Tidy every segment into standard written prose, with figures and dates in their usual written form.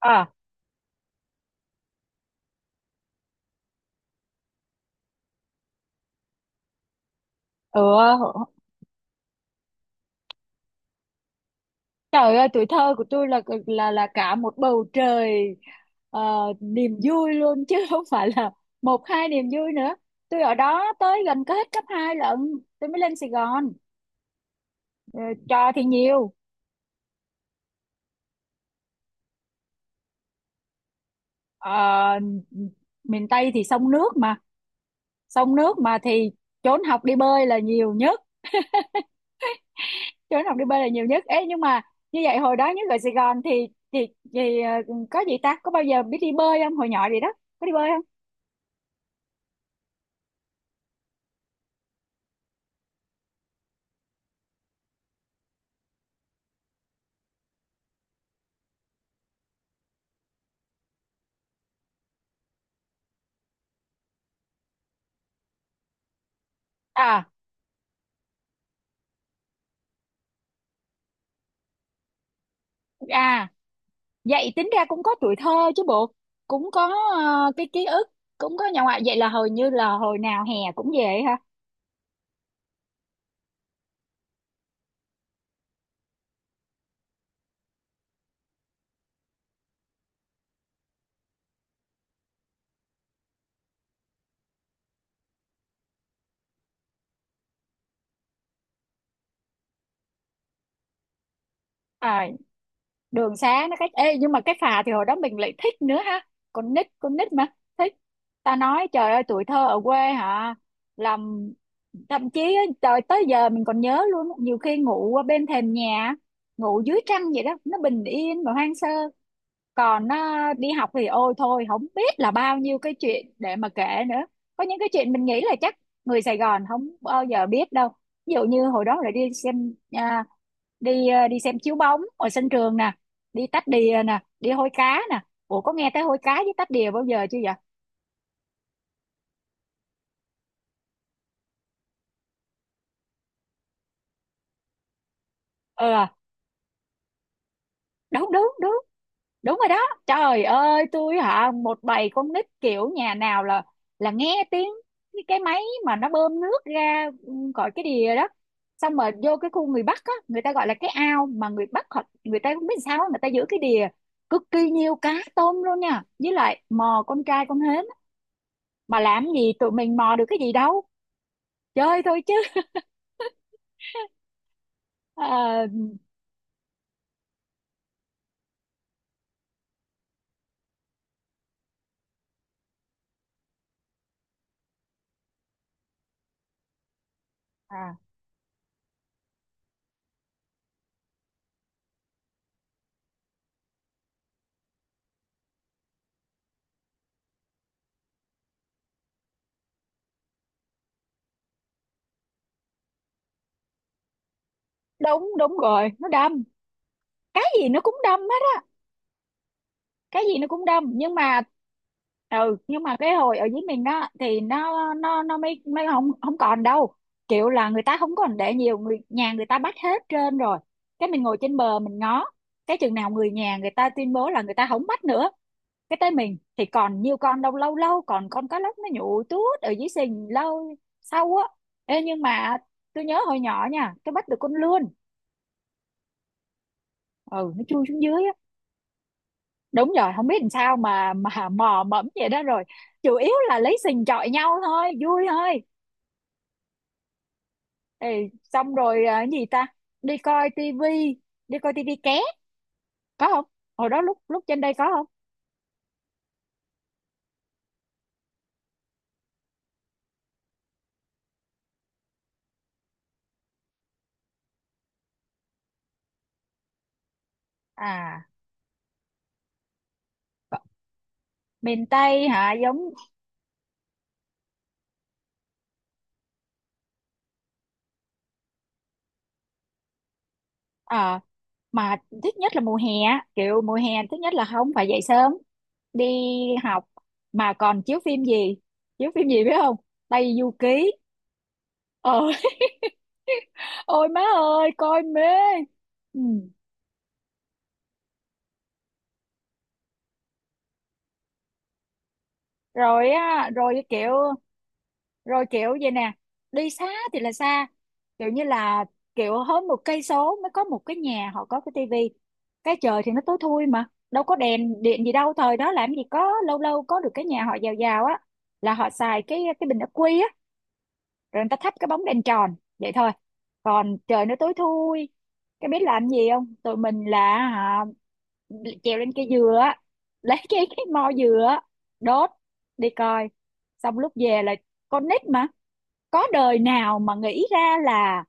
À, ừ, trời ơi, tuổi thơ của tôi là cả một bầu trời ờ, niềm vui luôn chứ không phải là một hai niềm vui nữa. Tôi ở đó tới gần có hết cấp 2 lận, tôi mới lên Sài Gòn. Ờ, Trò thì nhiều. Ờ, Miền Tây thì sông nước mà thì trốn học đi bơi là nhiều nhất, trốn học đi bơi là nhiều nhất. Ê, nhưng mà như vậy hồi đó nhất ở Sài Gòn thì có gì ta? Có bao giờ biết đi bơi không? Hồi nhỏ gì đó, có đi bơi không? À, à, vậy tính ra cũng có tuổi thơ chứ bộ, cũng có cái ký ức, cũng có nhà ngoại. Vậy là hồi như là hồi nào hè cũng về ha. À, đường xá nó cách. Ê nhưng mà cái phà thì hồi đó mình lại thích nữa ha. Con nít mà thích. Ta nói trời ơi tuổi thơ ở quê hả? Làm thậm chí á, trời tới giờ mình còn nhớ luôn, á, nhiều khi ngủ ở bên thềm nhà, ngủ dưới trăng vậy đó, nó bình yên và hoang sơ. Còn đi học thì ôi thôi không biết là bao nhiêu cái chuyện để mà kể nữa. Có những cái chuyện mình nghĩ là chắc người Sài Gòn không bao giờ biết đâu, ví dụ như hồi đó là đi xem à, đi ờ, đi xem chiếu bóng ở sân trường nè, đi tách đìa nè, đi hôi cá nè. Ủa, có nghe tới hôi cá với tách đìa bao giờ chưa vậy? ờ Đúng, đúng, đúng, đúng rồi đó. Trời ơi, tôi hả, một bầy con nít kiểu nhà nào là nghe tiếng cái máy mà nó bơm nước ra khỏi cái đìa đó. Xong rồi vô cái khu người Bắc á, người ta gọi là cái ao. Mà người Bắc họ, người ta không biết sao người ta giữ cái đìa cực kỳ nhiều cá tôm luôn nha, với lại mò con trai con hến. Mà làm gì tụi mình mò được cái gì đâu, chơi thôi chứ. Ờ, à, Đúng, đúng rồi, nó đâm. Cái gì nó cũng đâm hết, cái gì nó cũng đông, nhưng mà cái hồi ở dưới mình đó thì nó mới mới không không còn đâu. Kiểu là người ta không còn để nhiều, người nhà người ta bắt hết trên rồi. Cái mình ngồi trên bờ mình ngó, cái chừng nào người nhà người ta tuyên bố là người ta không bắt nữa, cái tới mình thì còn nhiều con đâu, lâu lâu còn con cá lóc nó nhụ tuốt ở dưới sình lâu sau á. Ê, nhưng mà tôi nhớ hồi nhỏ nha, tôi bắt được con lươn. Ừ, nó chui xuống dưới. Đúng rồi, không biết làm sao mà mò mẫm vậy đó rồi, chủ yếu là lấy sình chọi nhau thôi, vui thôi. Ê, xong rồi gì ta, đi coi tivi, đi coi tivi ké có không, hồi đó lúc lúc trên đây có không? À, có. Miền Tây hả, giống à, mà thích nhất là mùa hè á. Kiểu mùa hè thích nhất là không phải dậy sớm đi học, mà còn chiếu phim gì, chiếu phim gì biết không? Tây Du Ký. ờ Ôi má ơi, coi mê. Ừ. Rồi á, rồi kiểu vậy nè. Đi xa thì là xa, kiểu như là kiểu hơn một cây số mới có một cái nhà họ có cái tivi. Cái trời thì nó tối thui mà đâu có đèn điện gì đâu, thời đó làm gì có, lâu lâu có được cái nhà họ giàu giàu á là họ xài cái bình ắc quy á. Rồi người ta thắp cái bóng đèn tròn vậy thôi, còn trời nó tối thui. Cái biết làm gì không, tụi mình là hả, trèo lên cây dừa á, lấy cái mo dừa á, đốt, đi coi. Xong lúc về là, con nít mà, có đời nào mà nghĩ ra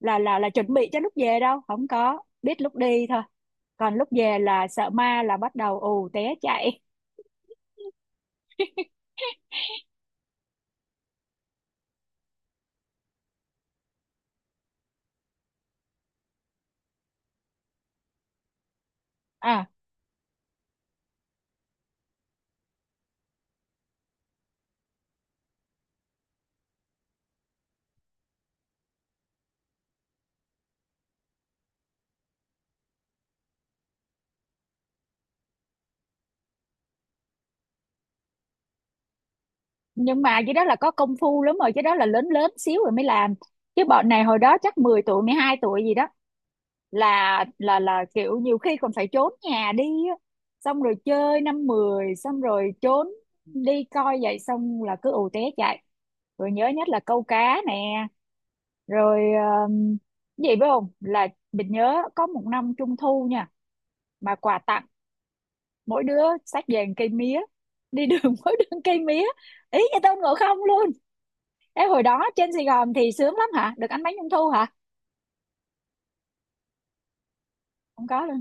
là chuẩn bị cho lúc về đâu, không có biết lúc đi thôi, còn lúc về là sợ ma là bắt đầu ù té chạy. à nhưng mà cái đó là có công phu lắm rồi, cái đó là lớn lớn xíu rồi mới làm. Chứ bọn này hồi đó chắc 10 tuổi 12 tuổi gì đó là kiểu nhiều khi còn phải trốn nhà đi á. Xong rồi chơi năm mười xong rồi trốn, đi coi vậy xong là cứ ù té chạy. Rồi nhớ nhất là câu cá nè. Rồi um, cái gì biết không, là mình nhớ có một năm trung thu nha, mà quà tặng mỗi đứa xách về một cây mía đi đường. Mỗi đứa một cây mía ý như Tôn Ngộ Không luôn. Thế hồi đó trên Sài Gòn thì sướng lắm hả? Được ăn bánh trung thu hả? Không có luôn.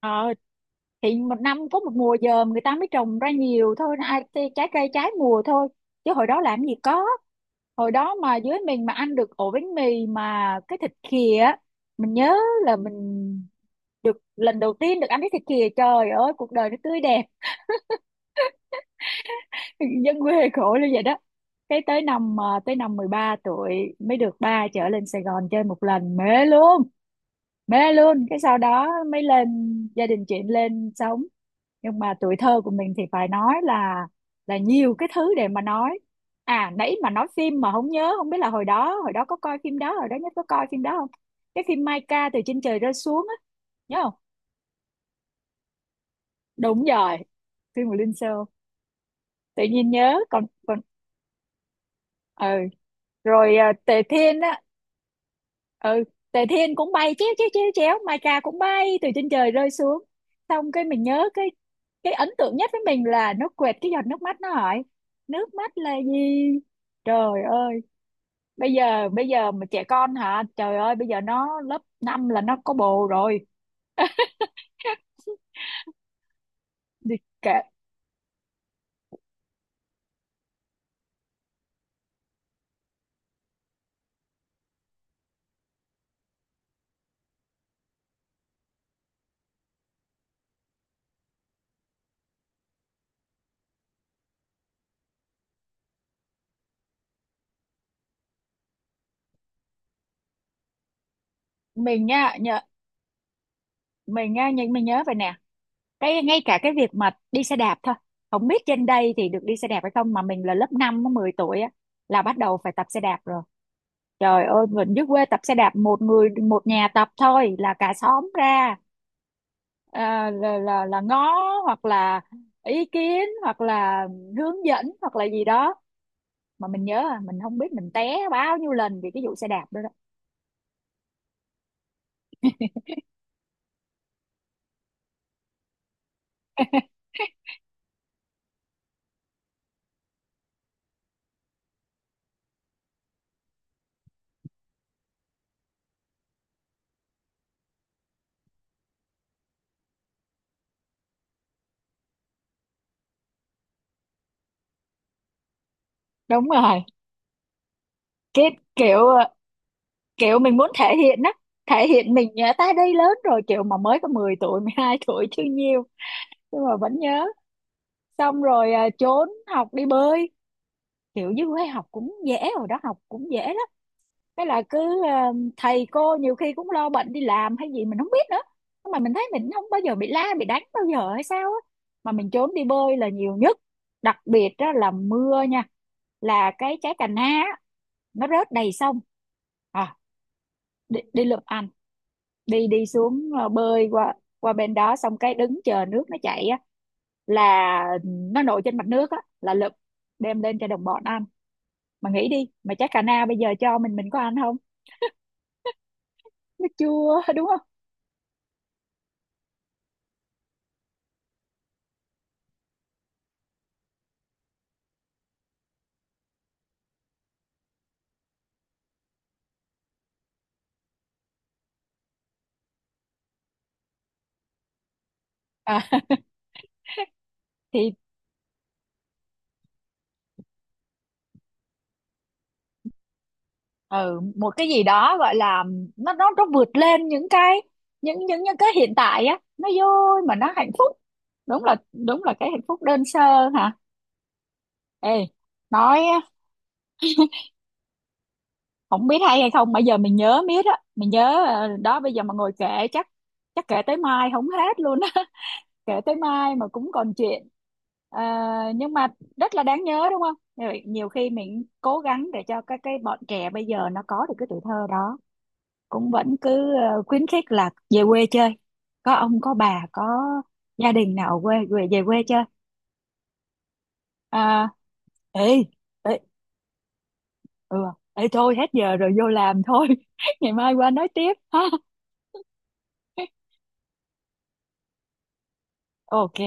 Ờ, thì một năm có một mùa dờm người ta mới trồng ra nhiều thôi, ai thì trái cây trái mùa thôi. Chứ hồi đó làm gì có. Hồi đó mà dưới mình mà ăn được ổ bánh mì mà cái thịt khìa, á, mình nhớ là mình được lần đầu tiên được ăn cái thịt khìa, trời ơi cuộc đời nó tươi đẹp. Dân quê khổ như vậy đó, cái tới năm 13 tuổi mới được ba chở lên Sài Gòn chơi một lần mê luôn. Mê luôn, cái sau đó mới lên, gia đình chuyển lên sống. Nhưng mà tuổi thơ của mình thì phải nói là nhiều cái thứ để mà nói. À, nãy mà nói phim mà không nhớ, không biết là hồi đó có coi phim đó, hồi đó nhất có coi phim đó không, cái phim Mai Ca từ trên trời rơi xuống á, nhớ không? Đúng rồi, phim của Linh Sơ, tự nhiên nhớ còn. Ừ, rồi Tề Thiên á. Ừ, Tề Thiên cũng bay chéo chéo chéo chéo, Mai Ca cũng bay từ trên trời rơi xuống. Xong cái mình nhớ cái ấn tượng nhất với mình là nó quệt cái giọt nước mắt nó hỏi nước mắt là gì. Trời ơi, bây giờ mà trẻ con hả, trời ơi bây giờ nó lớp 5 là nó có bồ rồi. Thì kệ. Mình nha, nhớ. Mình nha, nhưng mình nhớ vậy nè, cái ngay cả cái việc mà đi xe đạp thôi, không biết trên đây thì được đi xe đạp hay không, mà mình là lớp 5 10 tuổi á là bắt đầu phải tập xe đạp rồi. Trời ơi mình dưới quê tập xe đạp một người một nhà tập thôi là cả xóm ra, là ngó, hoặc là ý kiến, hoặc là hướng dẫn, hoặc là gì đó. Mà mình nhớ mình không biết mình té bao nhiêu lần vì cái vụ xe đạp đó, đó. Đúng rồi. Cái kiểu kiểu mình muốn thể hiện á, thể hiện mình nhớ, ta đây lớn rồi, kiểu mà mới có 10 tuổi 12 tuổi chưa nhiều nhưng mà vẫn nhớ. Xong rồi trốn học đi bơi, kiểu dưới quê học cũng dễ rồi đó, học cũng dễ lắm. Cái là cứ thầy cô nhiều khi cũng lo bận đi làm hay gì mình không biết nữa, nhưng mà mình thấy mình không bao giờ bị la bị đánh bao giờ hay sao á. Mà mình trốn đi bơi là nhiều nhất, đặc biệt đó là mưa nha, là cái trái cà na á, nó rớt đầy sông. à đi lượm đi đi xuống bơi qua qua bên đó, xong cái đứng chờ nước nó chảy á là nó nổi trên mặt nước á là lụp, đem lên cho đồng bọn ăn. Mà nghĩ đi mà chắc cà na bây giờ cho mình có ăn không? Nó chua, đúng không? à, thì ừ, một cái gì đó gọi là, nó vượt lên những cái, những cái hiện tại á, nó vui mà nó hạnh phúc. Đúng là cái hạnh phúc đơn sơ hả. Ê, nói, không biết hay hay không, bây giờ mình nhớ miết á, mình nhớ đó bây giờ mà ngồi kể chắc chắc kể tới mai không hết luôn á. Kể tới mai mà cũng còn chuyện. Ờ, nhưng mà rất là đáng nhớ đúng không? Rồi nhiều khi mình cố gắng để cho các cái bọn trẻ bây giờ nó có được cái tuổi thơ đó, cũng vẫn cứ khuyến khích là về quê chơi, có ông có bà, có gia đình nào ở quê về về quê chơi. à, Ê, ê, ừ ê, thôi hết giờ rồi vô làm thôi. Ngày mai qua nói tiếp ha. OK.